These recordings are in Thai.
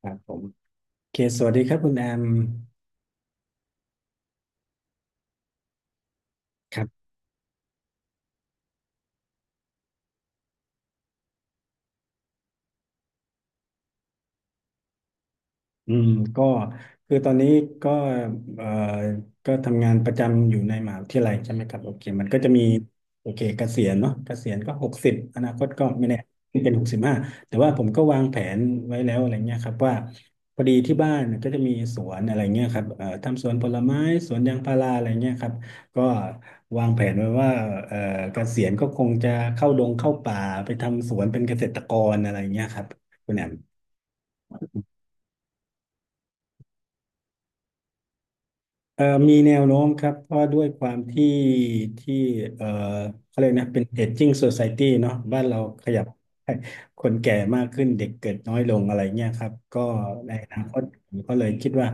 ครับผมโอเคสวัสดีครับคุณแอมครับ อืมก็คือตอนนี้ก็เอ่อก็ทำงานประจำอยู่ในมหาวิทยาลัยใช่ไหมครับโอเคมันก็จะมีโอเคเกษียณเนาะเกษียณก็หกสิบอนาคตก็ไม่แน่เป็นหกสิบห้าแต่ว่าผมก็วางแผนไว้แล้วอะไรเงี้ยครับว่าพอดีที่บ้านก็จะมีสวนอะไรเงี้ยครับทำสวนผลไม้สวนยางพาราอะไรเงี้ยครับก็วางแผนไว้ว่าเอ่อเกษียณก็คงจะเข้าดงเข้าป่าไปทำสวนเป็นเกษตรกรอะไรเงี้ยครับคุณแอม มีแนวโน้มครับเพราะด้วยความที่ที่เอ่อเขาเรียกนะเป็นเอจจิ้งโซ i ายตี้เนาะบ้านเราขยับให้คนแก่มากขึ้นเด็กเกิดน้อยลงอะไรเงี้ยครับก็ในอนาคตผมก็เลยคิดว่า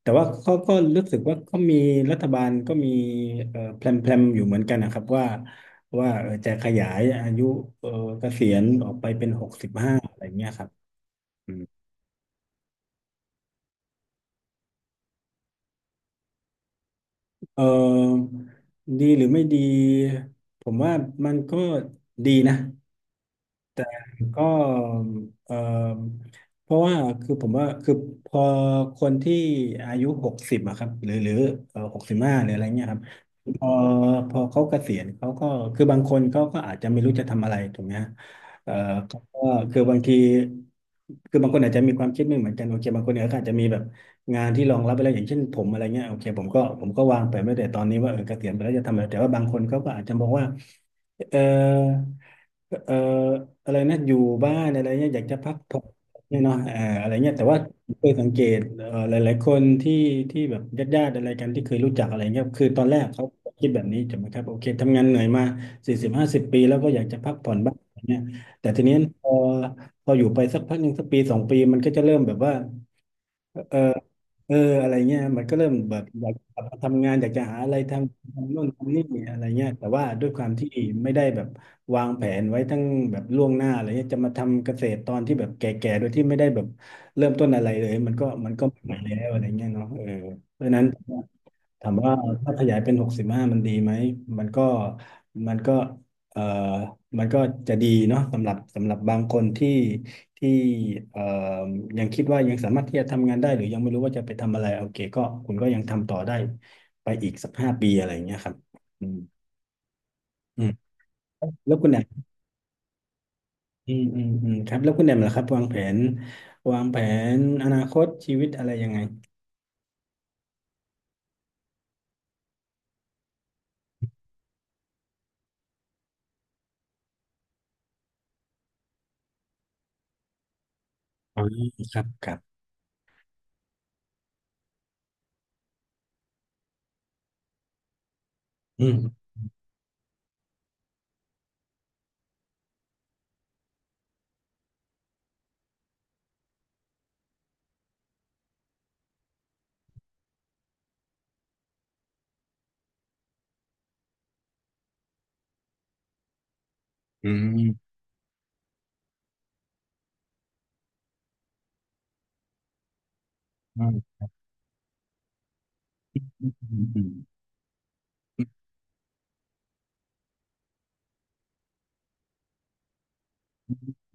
แต่ว่าเขาก็รู้สึกว่าก็มีรัฐบาลก็มีแพลนอยู่เหมือนกันนะครับว่าจะขยายอายุเอ่อเกษียณออกไปเป็นหกสิบห้าอะไรเงี้ยครับ เออดีหรือไม่ดีผมว่ามันก็ดีนะก็เออเพราะว่าคือผมว่าคือพอคนที่อายุหกสิบอะครับหรือเออหกสิบห้าหรืออะไรเงี้ยครับ พอพอเขาเกษียณเขาก็คือบางคนเขาก็อาจจะไม่รู้จะทำอะไรถูกไหมฮะเอ่อเขาก็คือบางทีคือบางคนอาจจะมีความคิดไม่เหมือนกันโอเคบางคนเนี่ยก็อาจจะมีแบบงานที่รองรับไปแล้วอย่างเช่นผมอะไรเงี้ยโอเคผมก็วางไปไม้แต่ตอนนี้ว่าเออเกษียณไปแล้วจะทำอะไรแต่ว่าบางคนเขาก็อาจจะมองว่าเออ เอ่ออะไรนะอยู่บ้านอะไรเนี้ยอยากจะพักผ่อนเนี่ยเนาะอ่าอะไรเนี้ยแต่ว่าเคยสังเกตหลายๆคนที่ที่แบบญาติๆอะไรกันที่เคยรู้จักอะไรเงี้ยคือตอนแรกเขาคิดแบบนี้ถูกไหมครับโอเคทำงานเหนื่อยมาสี่สิบห้าสิบปีแล้วก็อยากจะพักผ่อนบ้างอะไรเนี้ยแต่ทีนี้พอพออยู่ไปสักพักหนึ่งสักปีสองปีมันก็จะเริ่มแบบว่าเออ เอออะไรเงี้ยมันก็เริ่มแบบอยากกลับมาทำงานอยากจะหาอะไรทำทำนู่นทำนี่อะไรเงี้ยแต่ว่าด้วยความที่ไม่ได้แบบวางแผนไว้ทั้งแบบล่วงหน้าอะไรเงี้ยจะมาทำเกษตรตอนที่แบบแก่ๆโดยที่ไม่ได้แบบเริ่มต้นอะไรเลยมันก็ไม่ไหวแล้วอะไรเงี้ยเนาะเออเพราะฉะนั้น ถามว่าถ้าขยายเป็นหกสิบห้ามันดีไหมมันก็มันก็เอ่อมันก็จะดีเนาะสำหรับสำหรับบางคนที่ที่เอ่อยังคิดว่ายังสามารถที่จะทำงานได้หรือยังไม่รู้ว่าจะไปทำอะไรโอเคก็คุณก็ยังทำต่อได้ไปอีกสักห้าปีอะไรอย่างเงี้ยครับอืมอืมแล้วคุณแอมอืมอืมอืมครับแล้วคุณแอมล่ะครับวางแผนอนาคตชีวิตอะไรยังไงอ๋อครับครับอืมอืมอืมอืมอืม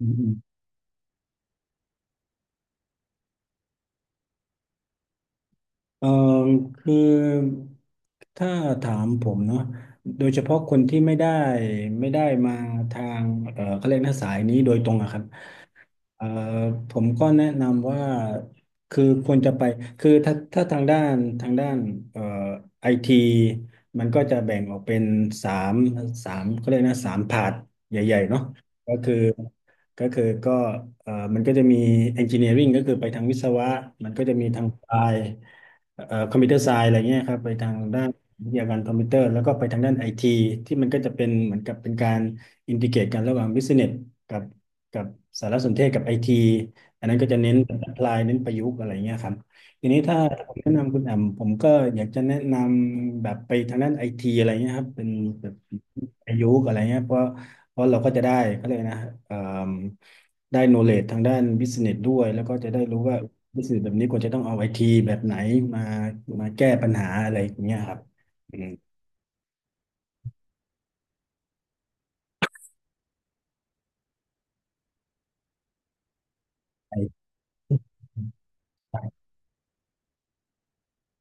อืม เออคือถ้าถามผมเนาะโดยเฉพาะคนที่ไม่ได้มาทางเออเขาเรียกนะสายนี้โดยตรงอะครับเออผมก็แนะนำว่าคือควรจะไปคือถ้าถ้าทางด้านเอ่อไอทีมันก็จะแบ่งออกเป็นสามสามเขาเรียกนะสามพาร์ทใหญ่ๆเนาะก็คือก็คือก็มันก็จะมี engineering ก็คือไปทางวิศวะมันก็จะมีทางไฟ คอมพิวเตอร์ไซน์อะไรเงี้ยครับไปทางด้านวิทยาการคอมพิวเตอร์แล้วก็ไปทางด้านไอทีที่มันก็จะเป็นเหมือนกับเป็นการอินทิเกรตกันระหว่างบิสเนสกับกับสารสนเทศกับไอทีอันนั้นก็จะเน้นแอ p พลายเน้นประยุกต์อะไรเงี้ยครับทีนี้ถ้าผมแนะนำคุณแอมผมก็อยากจะแนะนำแบบไปทางด้านไอทีอะไรเงี้ยครับเป็นแบบประยุกต์อะไรเงี้ยเพราะเราก็จะได้ก็เลยกนะ ได้โนเล e ทางด้านบิสเนสด้วยแล้วก็จะได้รู้ว่า s ิส e s s แบบนี้ควรจะต้องเอาไอทีแบบไหนมามาแก้ปัญหาอะไรอย่างเงี้ยครับอืมไอ้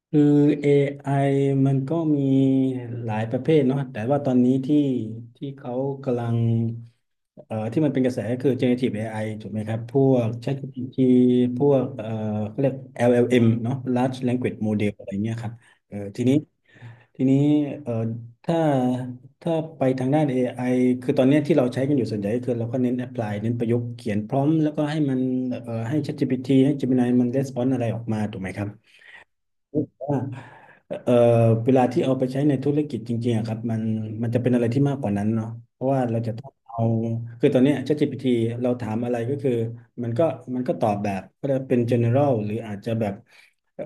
คือ AI มันก็มีหลายประเภทเนาะแต่ว่าตอนนี้ที่ที่เขากำลังที่มันเป็นกระแสก็คือ generative AI ถูกไหมครับพวก ChatGPT พวกเขาเรียก LLM เอ็มเนาะ Large Language Model อะไรเงี้ยครับเออทีนี้ ทีนี้เอ่อถ้าถ้าไปทางด้าน AI คือตอนเนี้ยที่เราใช้กันอยู่ส่วนใหญ่ก็คือเราก็เน้น apply เน้นประยุกต์เขียนพร้อมแล้วก็ให้มันให้ ChatGPT ให้ Gemini มัน response อะไรออกมาถูกไหมครับว่าเอ่อเวลาที่เอาไปใช้ในธุรกิจจริงๆอะครับมันจะเป็นอะไรที่มากกว่านั้นเนาะเพราะว่าเราจะต้องเอาคือตอนเนี้ย ChatGPT เราถามอะไรก็คือมันก็มันก็ตอบแบบก็จะเป็น general หรืออาจจะแบบ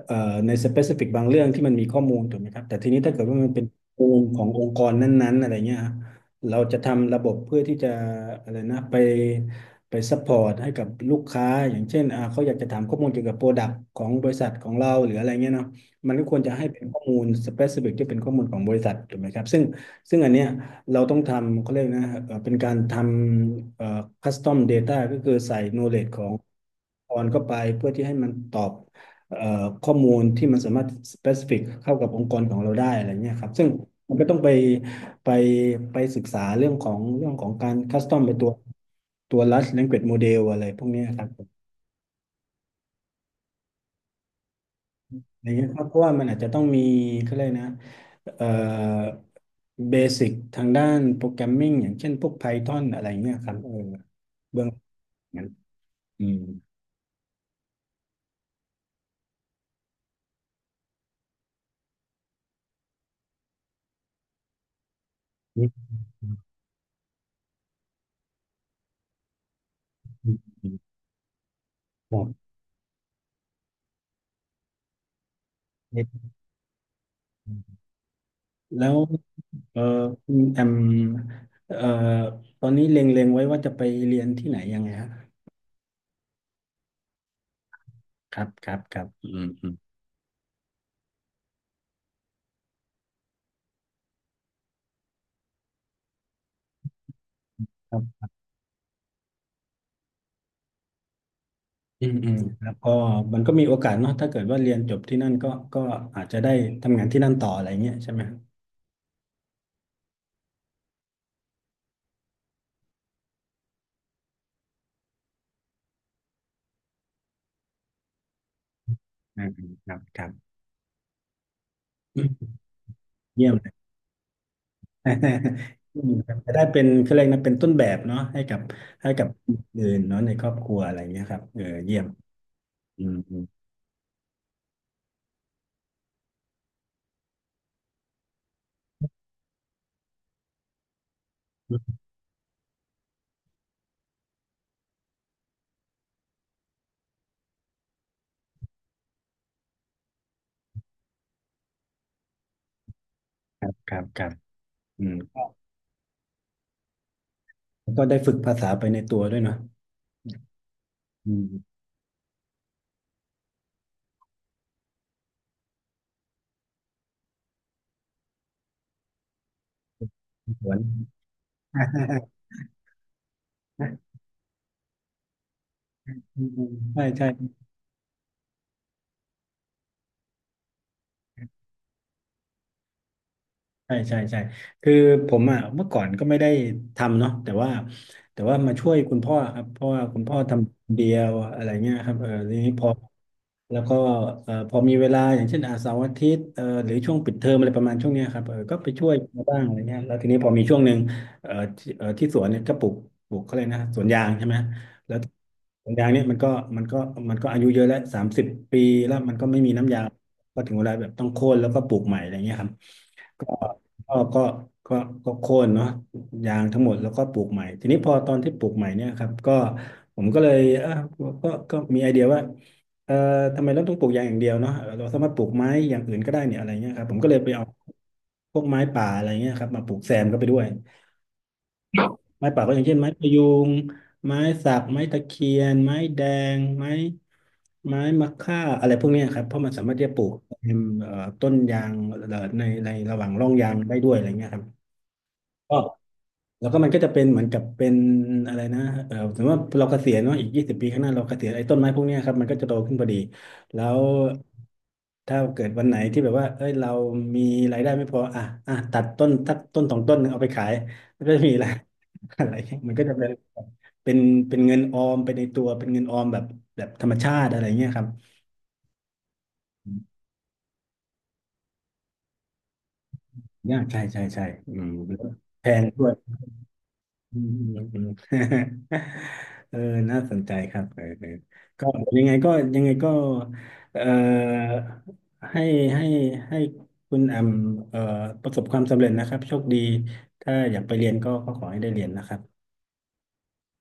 เอ่อในสเปซิฟิกบางเรื่องที่มันมีข้อมูลถูกไหมครับแต่ทีนี้ถ้าเกิดว่ามันเป็นข้อมูลขององค์กรนั้นๆอะไรเงี้ยฮะเราจะทำระบบเพื่อที่จะอะไรนะไปซัพพอร์ตให้กับลูกค้าอย่างเช่นอ่าเขาอยากจะถามข้อมูลเกี่ยวกับโปรดักต์ของบริษัทของเราหรืออะไรเงี้ยเนาะมันก็ควรจะให้เป็นข้อมูลสเปซิฟิกที่เป็นข้อมูลของบริษัทถูกไหมครับซึ่งอันเนี้ยเราต้องทำเขาเรียกนะเป็นการทำคัสตอม data ก็คือใส่ knowledge ของ พรเข้าไปเพื่อที่ให้มันตอบเอ่อข้อมูลที่มันสามารถ specific เข้ากับองค์กรของเราได้อะไรเงี้ยครับซึ่งมันก็ต้องไปไปศึกษาเรื่องของการ custom ไปตัว large language model อะไรพวกเนี้ยครับอะไรเงี้ยครับเพราะว่ามันอาจจะต้องมีเขาเลยกนะเอ่อเบสิกทางด้านโปรแกรมมิ่งอย่างเช่นพวก Python อะไรเงี้ยครับเออเบื้องหงนั้นอืมครับแล้ว เออคุณแอมเอ่อตอนนี้เล็งๆไว้ว่าจะไปเรียนที่ไหนยังไงฮะครับครับครับอืมอืมครับอืมอืมแล้วก็มันก็มีโอกาสเนาะถ้าเกิดว่าเรียนจบที่นั่นก็ก็อาจจะได้ทำงานที่นั่นต่ออะไรเงี้ยใช่ไหมครับอืมอืมครับครับอืมเยี่ยม เลย อืมครับจะได้เป็นคือเรียกนะเป็นต้นแบบเนาะให้กับให้กับคนอื่นเนาะในครอบครัวอะไรเงี้ยครับเออเยี่ยมอืมอืมครับครับครับอืมก็ก็ได้ฝึกภาษาไปในตัวด้วยเนาะอืม ใช่ใช่ ใช่ใช่ใช่คือผมอ่ะเมื่อก่อนก็ไม่ได้ทำเนาะแต่ว่าแต่ว่ามาช่วยคุณพ่อครับเพราะว่าคุณพ่อทำคนเดียวอะไรเงี้ยครับเออทีนี้พอแล้วก็พอมีเวลาอย่างเช่นอาเสาร์อาทิตย์หรือช่วงปิดเทอมอะไรประมาณช่วงเนี้ยครับเออก็ไปช่วยมาบ้างอะไรเงี้ยแล้วทีนี้พอมีช่วงหนึ่งที่สวนเนี่ยก็ปลูกเขาเลยกนะสวนยางใช่ไหมแล้วสวนยางเนี่ยมันก็มันก็อายุเยอะแล้ว30ปีแล้วมันก็ไม่มีน้ำยางก็ถึงเวลาแบบต้องโค่นแล้วก็ปลูกใหม่อะไรเงี้ยครับ ก็ก็ก็ก็ก็โค่นเนาะยางทั้งหมดแล้วก็ปลูกใหม่ทีนี้พอตอนที่ปลูกใหม่เนี่ยครับก็ผมก็เลยเออก็มีไอเดียว่าเอ่อทำไมเราต้องปลูกยางอย่างเดียวเนาะเราสามารถปลูกไม้อย่างอื่นก็ได้เนี่ยอะไรเงี้ยครับผมก็เลยไปเอาพวกไม้ป่าอะไรเงี้ยครับมาปลูกแซมเข้าไปด้วย ไม้ป่าก็อย่างเช่นไม้พะยูงไม้สักไม้ตะเคียนไม้แดงไม้มะค่าอะไรพวกเนี้ยครับเพราะมันสามารถที่จะปลูกเต็มต้นยางในระหว่างร่องยางได้ด้วยอะไรเงี้ยครับก็แล้วก็มันก็จะเป็นเหมือนกับเป็นอะไรนะเออสมมติว่าเราเกษียณเนาะอีก20ปีข้างหน้าเราเกษียณไอ้ต้นไม้พวกเนี้ยครับมันก็จะโตขึ้นพอดีแล้ว ถ้าเกิดวันไหนที่แบบว่าเอ้ยเรามีรายได้ไม่พออ่ะอ่ะตัดต้นสองต้นหนึ่งเอาไปขายมันก็จะมีอะไร อะไรเงี้ยมันก็จะเป็นเป็นเงินออมไปในตัว เป็นเงินออมแบบธรรมชาติอะไรเงี้ยครับยากใช่ใช่ใช่อืมแพงด้วย อืมอืมอืม เออน่าสนใจครับเออเออก็ยังไงก็ยังไงก็เอ่อให้ให้ให้คุณแอมเอ่อประสบความสำเร็จนะครับโชคดีถ้าอยากไปเรียนก็ก็ขอให้ได้เรียนนะครับ